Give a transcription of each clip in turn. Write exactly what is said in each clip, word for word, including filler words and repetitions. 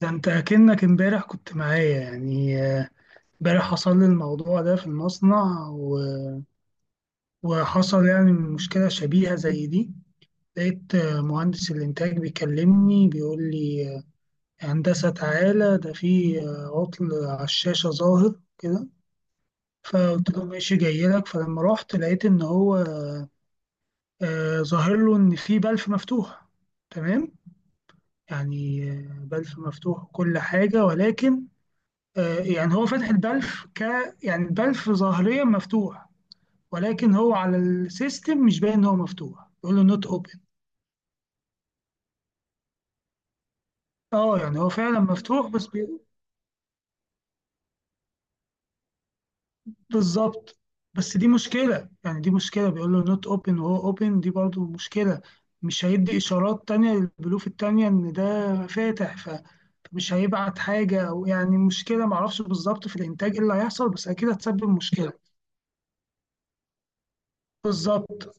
ده انت اكنك امبارح كنت معايا يعني آه، امبارح حصل لي الموضوع ده في المصنع و- وحصل يعني مشكلة شبيهة زي دي. لقيت آه، مهندس الانتاج بيكلمني بيقول لي آه، هندسة تعالى، ده في آه، عطل على الشاشة ظاهر كده. فقلت له ماشي جاي لك. فلما رحت لقيت ان هو آه، ظاهر له ان في بلف مفتوح. تمام، يعني آه، بلف مفتوح وكل حاجة، ولكن آه، يعني هو فتح البلف ك يعني البلف ظاهريا مفتوح، ولكن هو على السيستم مش باين ان هو مفتوح، يقول له نوت اوبن. اه، يعني هو فعلا مفتوح بس بي... بالظبط. بس دي مشكلة، يعني دي مشكلة بيقول له نوت اوبن وهو اوبن، دي برضو مشكلة. مش هيدي إشارات تانية للبلوف التانية إن ده فاتح ف- فمش هيبعت حاجة، أو يعني مشكلة معرفش بالظبط في الإنتاج إيه اللي هيحصل، بس أكيد هتسبب مشكلة. بالظبط،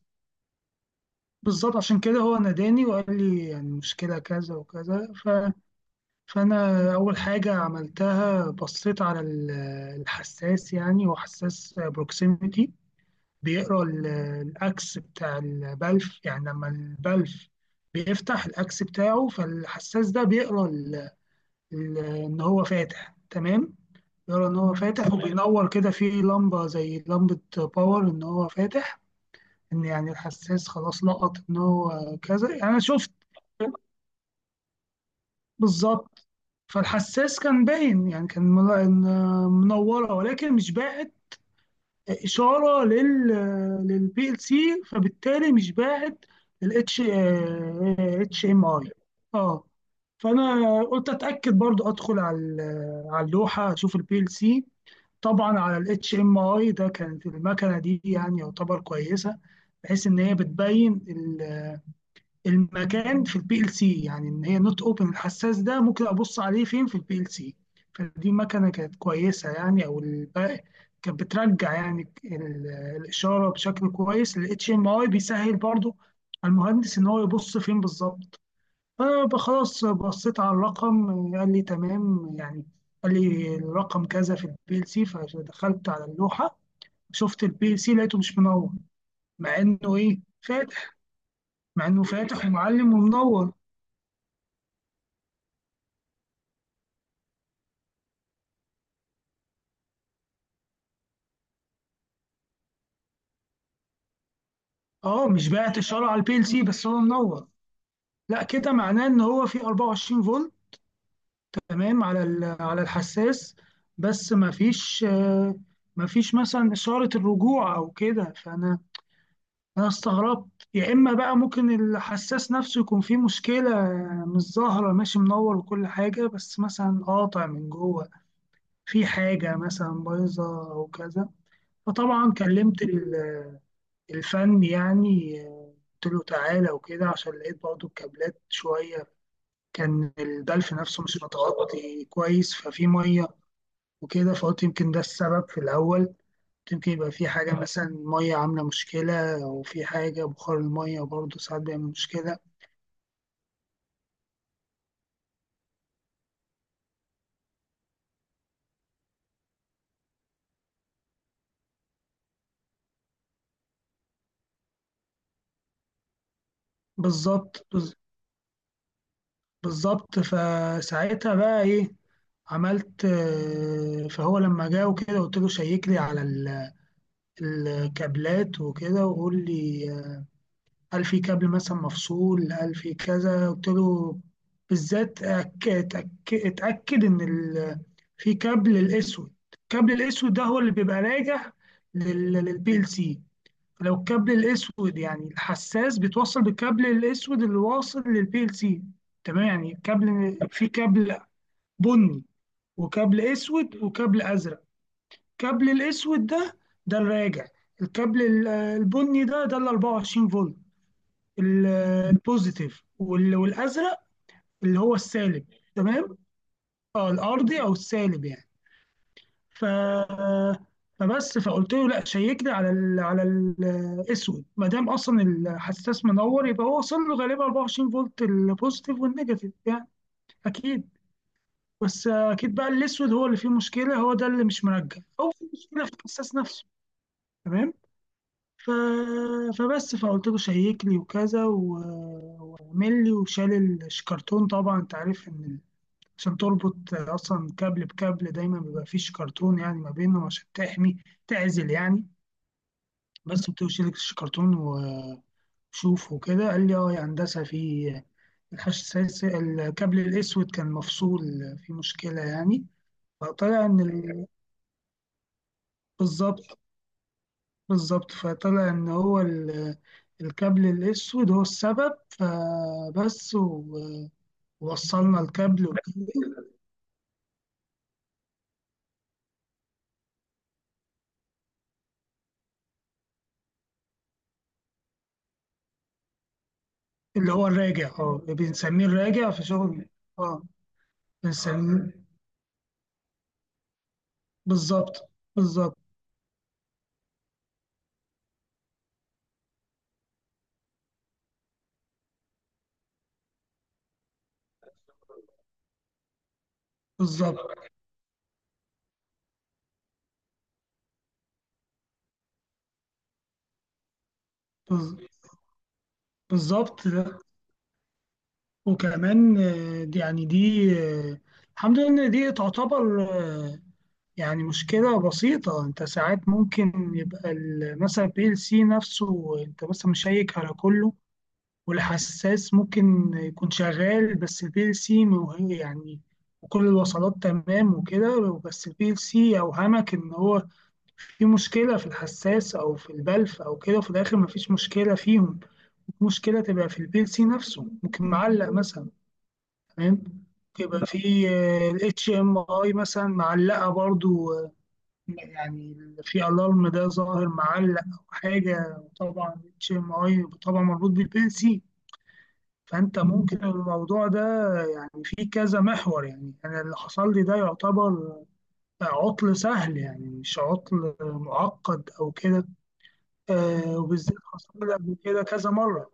بالظبط، عشان كده هو ناداني وقال لي يعني مشكلة كذا وكذا ف... فأنا أول حاجة عملتها بصيت على ال- الحساس. يعني هو حساس بروكسيميتي بيقرأ ال- الأكس بتاع البلف. يعني لما البلف بيفتح الأكس بتاعه، فالحساس ده بيقرأ ال- ال- إن هو فاتح. تمام، يرى ان هو فاتح، وبينور كده في لمبه زي لمبه باور ان هو فاتح. ان يعني الحساس خلاص لقط ان هو كذا، يعني انا شفت. بالظبط. فالحساس كان باين، يعني كان مل- منوره، ولكن مش باعت اشاره لل للبي ال سي، فبالتالي مش باعت الاتش اتش ام اي. اه، فانا قلت اتاكد برضو، ادخل على ال- على اللوحه اشوف البي ال سي. طبعا على الاتش ام اي ده، كانت المكنه دي يعني يعتبر كويسه، بحيث ان هي بتبين المكان في البي ال سي، يعني ان هي نوت اوبن الحساس ده ممكن ابص عليه فين في البي ال سي. فدي مكنه كانت كويسه يعني، او الباقي كانت بترجع يعني ال- الاشاره بشكل كويس. الاتش ام اي بيسهل برضو على المهندس ان هو يبص فين بالظبط. فخلاص بصيت على الرقم، قال لي تمام يعني، قال لي الرقم كذا في البي ال سي. فدخلت على اللوحه، شفت البي ال سي لقيته مش منور، مع انه ايه فاتح. مع انه فاتح ومعلم ومنور. اه، مش باعت الشارع على البي ال سي، بس هو منور. لا، كده معناه ان هو في أربعة وعشرين فولت تمام على ال- على الحساس، بس ما فيش آه، ما فيش مثلا اشاره الرجوع او كده. فانا انا استغربت، يا اما بقى ممكن الحساس نفسه يكون فيه مشكله مش ظاهره، ماشي منور وكل حاجه بس مثلا قاطع من جوه، في حاجه مثلا بايظه او كذا. فطبعا كلمت ال الفن يعني، آه، قلت له تعالى وكده، عشان لقيت برضه الكابلات شوية، كان البلف نفسه مش متغطي كويس، ففي مية وكده. فقلت يمكن ده السبب في الأول، قلت يمكن يبقى في حاجة مثلا مية عاملة مشكلة، أو في حاجة بخار المية برضه ساعات بيعمل مشكلة. بالظبط، بز- بالظبط. فساعتها بقى إيه، عملت آه، فهو لما جه وكده قلت له شيك لي على ال- الكابلات وكده، وقول لي. قال في كابل مثلا مفصول، قال في كذا. قلت له بالذات أك- أتأك- اتأكد إن ال- في كابل الأسود. الكابل الأسود ده هو اللي بيبقى راجع للبي ال سي. لو الكابل الأسود، يعني الحساس بيتوصل بالكابل الأسود اللي واصل للبي ال سي. تمام، يعني كابل، في كابل بني وكابل أسود وكابل أزرق. الكابل الأسود ده ده الراجع. الكابل ال- البني ده ده ال أربعة وعشرين فولت، ال- البوزيتيف، وال- والازرق اللي هو السالب. تمام، اه الارضي او السالب يعني. ف فبس فقلت له لا شيكني على ال على الاسود، ما دام اصلا الحساس منور يبقى هو وصل له غالبا أربعة وعشرين فولت، البوزيتيف والنيجاتيف يعني، اكيد. بس اكيد بقى الاسود هو اللي فيه مشكله، هو ده اللي مش مرجع او في مشكله في الحساس نفسه. تمام. ف... فبس فقلت له شيك لي وكذا و- واعمل لي، وشال الشكرتون. طبعا انت عارف ان ال- عشان تربط اصلا كابل بكابل دايما بيبقى فيه شكرتون يعني ما بينهم، عشان تحمي، تعزل يعني. بس قلت له شيل الشكرتون وشوف وكده. قال لي اه يا هندسه، في الحش السادس الكابل الاسود كان مفصول، في مشكله يعني. فطلع ان ال- بالظبط، بالظبط. فطلع ان هو ال- الكابل الاسود هو السبب. فبس و- ووصلنا الكابل وك- اللي هو الراجع، اه بنسميه الراجع في شغل، اه بنسميه. بالظبط، بالظبط، بالظبط، بز- بالظبط ده. وكمان آه، دي- يعني دي آه، الحمد لله ان دي تعتبر آه، يعني مشكلة بسيطة. انت ساعات ممكن يبقى ال- مثلا بي ال سي نفسه، انت مثلا مشيك على كله، والحساس ممكن يكون شغال، بس بي ال سي وهي يعني، وكل الوصلات تمام وكده، بس البي ال سي أوهمك إن هو في مشكلة في الحساس أو في البلف أو كده، وفي الآخر مفيش مشكلة فيهم. مشكلة تبقى في البي ال سي نفسه، ممكن معلق مثلا. تمام، يبقى في الاتش ام اي مثلا معلقه برضو، آه، يعني في الارم ده ظاهر معلق او حاجه. طبعا الاتش ام اي طبعا مربوط بالبي ال سي. فأنت ممكن الموضوع ده فيه كذا محور. يعني أنا اللي حصل لي ده يعتبر عطل سهل، يعني مش عطل معقد أو كده. آه، وبالذات حصل لي قبل كده كذا مرة.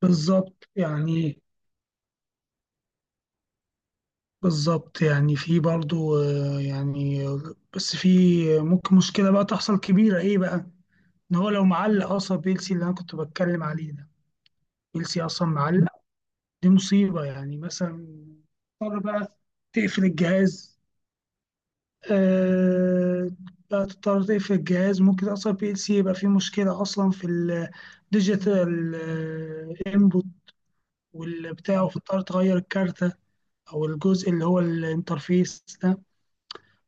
بالظبط يعني، بالظبط يعني، في برضو آه يعني، بس في ممكن مشكلة بقى تحصل كبيرة، إيه بقى؟ إن هو لو معلق أصلا بيلسي اللي أنا كنت بتكلم عليه ده، بيلسي أصلا معلق، دي مصيبة يعني. مثلا اضطر بقى تقفل الجهاز. آه، بقى تضطر تقفل الجهاز. ممكن اصلا بي ال سي يبقى فيه مشكلة اصلا في الديجيتال انبوت والبتاع، فتضطر تغير الكارتة او الجزء اللي هو الانترفيس ده.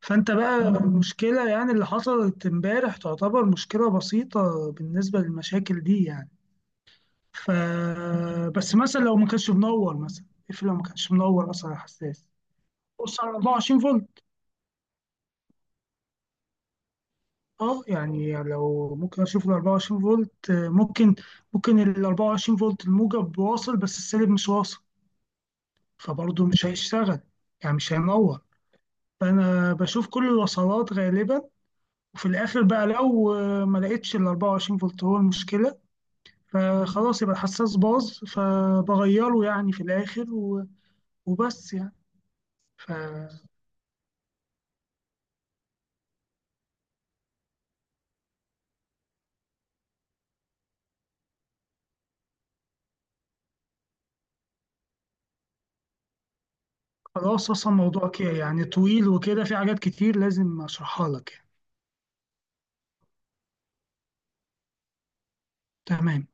فانت بقى المشكلة يعني اللي حصلت امبارح تعتبر مشكلة بسيطة بالنسبة للمشاكل دي يعني. ف بس مثلا لو ما كانش منور، مثلا اقفل، لو ما كانش منور اصلا على الحساس، بص على أربعة وعشرين فولت. اه، يعني لو ممكن اشوف ال أربعة وعشرين فولت، آه، ممكن ممكن ال أربعة وعشرين فولت الموجب واصل بس السالب مش واصل، فبرضه مش هيشتغل، يعني مش هينور. فانا بشوف كل الوصلات غالبا. وفي الاخر بقى، لو آه، ما لقيتش ال أربعة وعشرين فولت هو المشكله، فخلاص يبقى الحساس باظ فبغيره يعني في الاخر، و- وبس يعني. فخلاص، اصلا الموضوع كده يعني طويل وكده، في حاجات كتير لازم اشرحها لك يعني. تمام.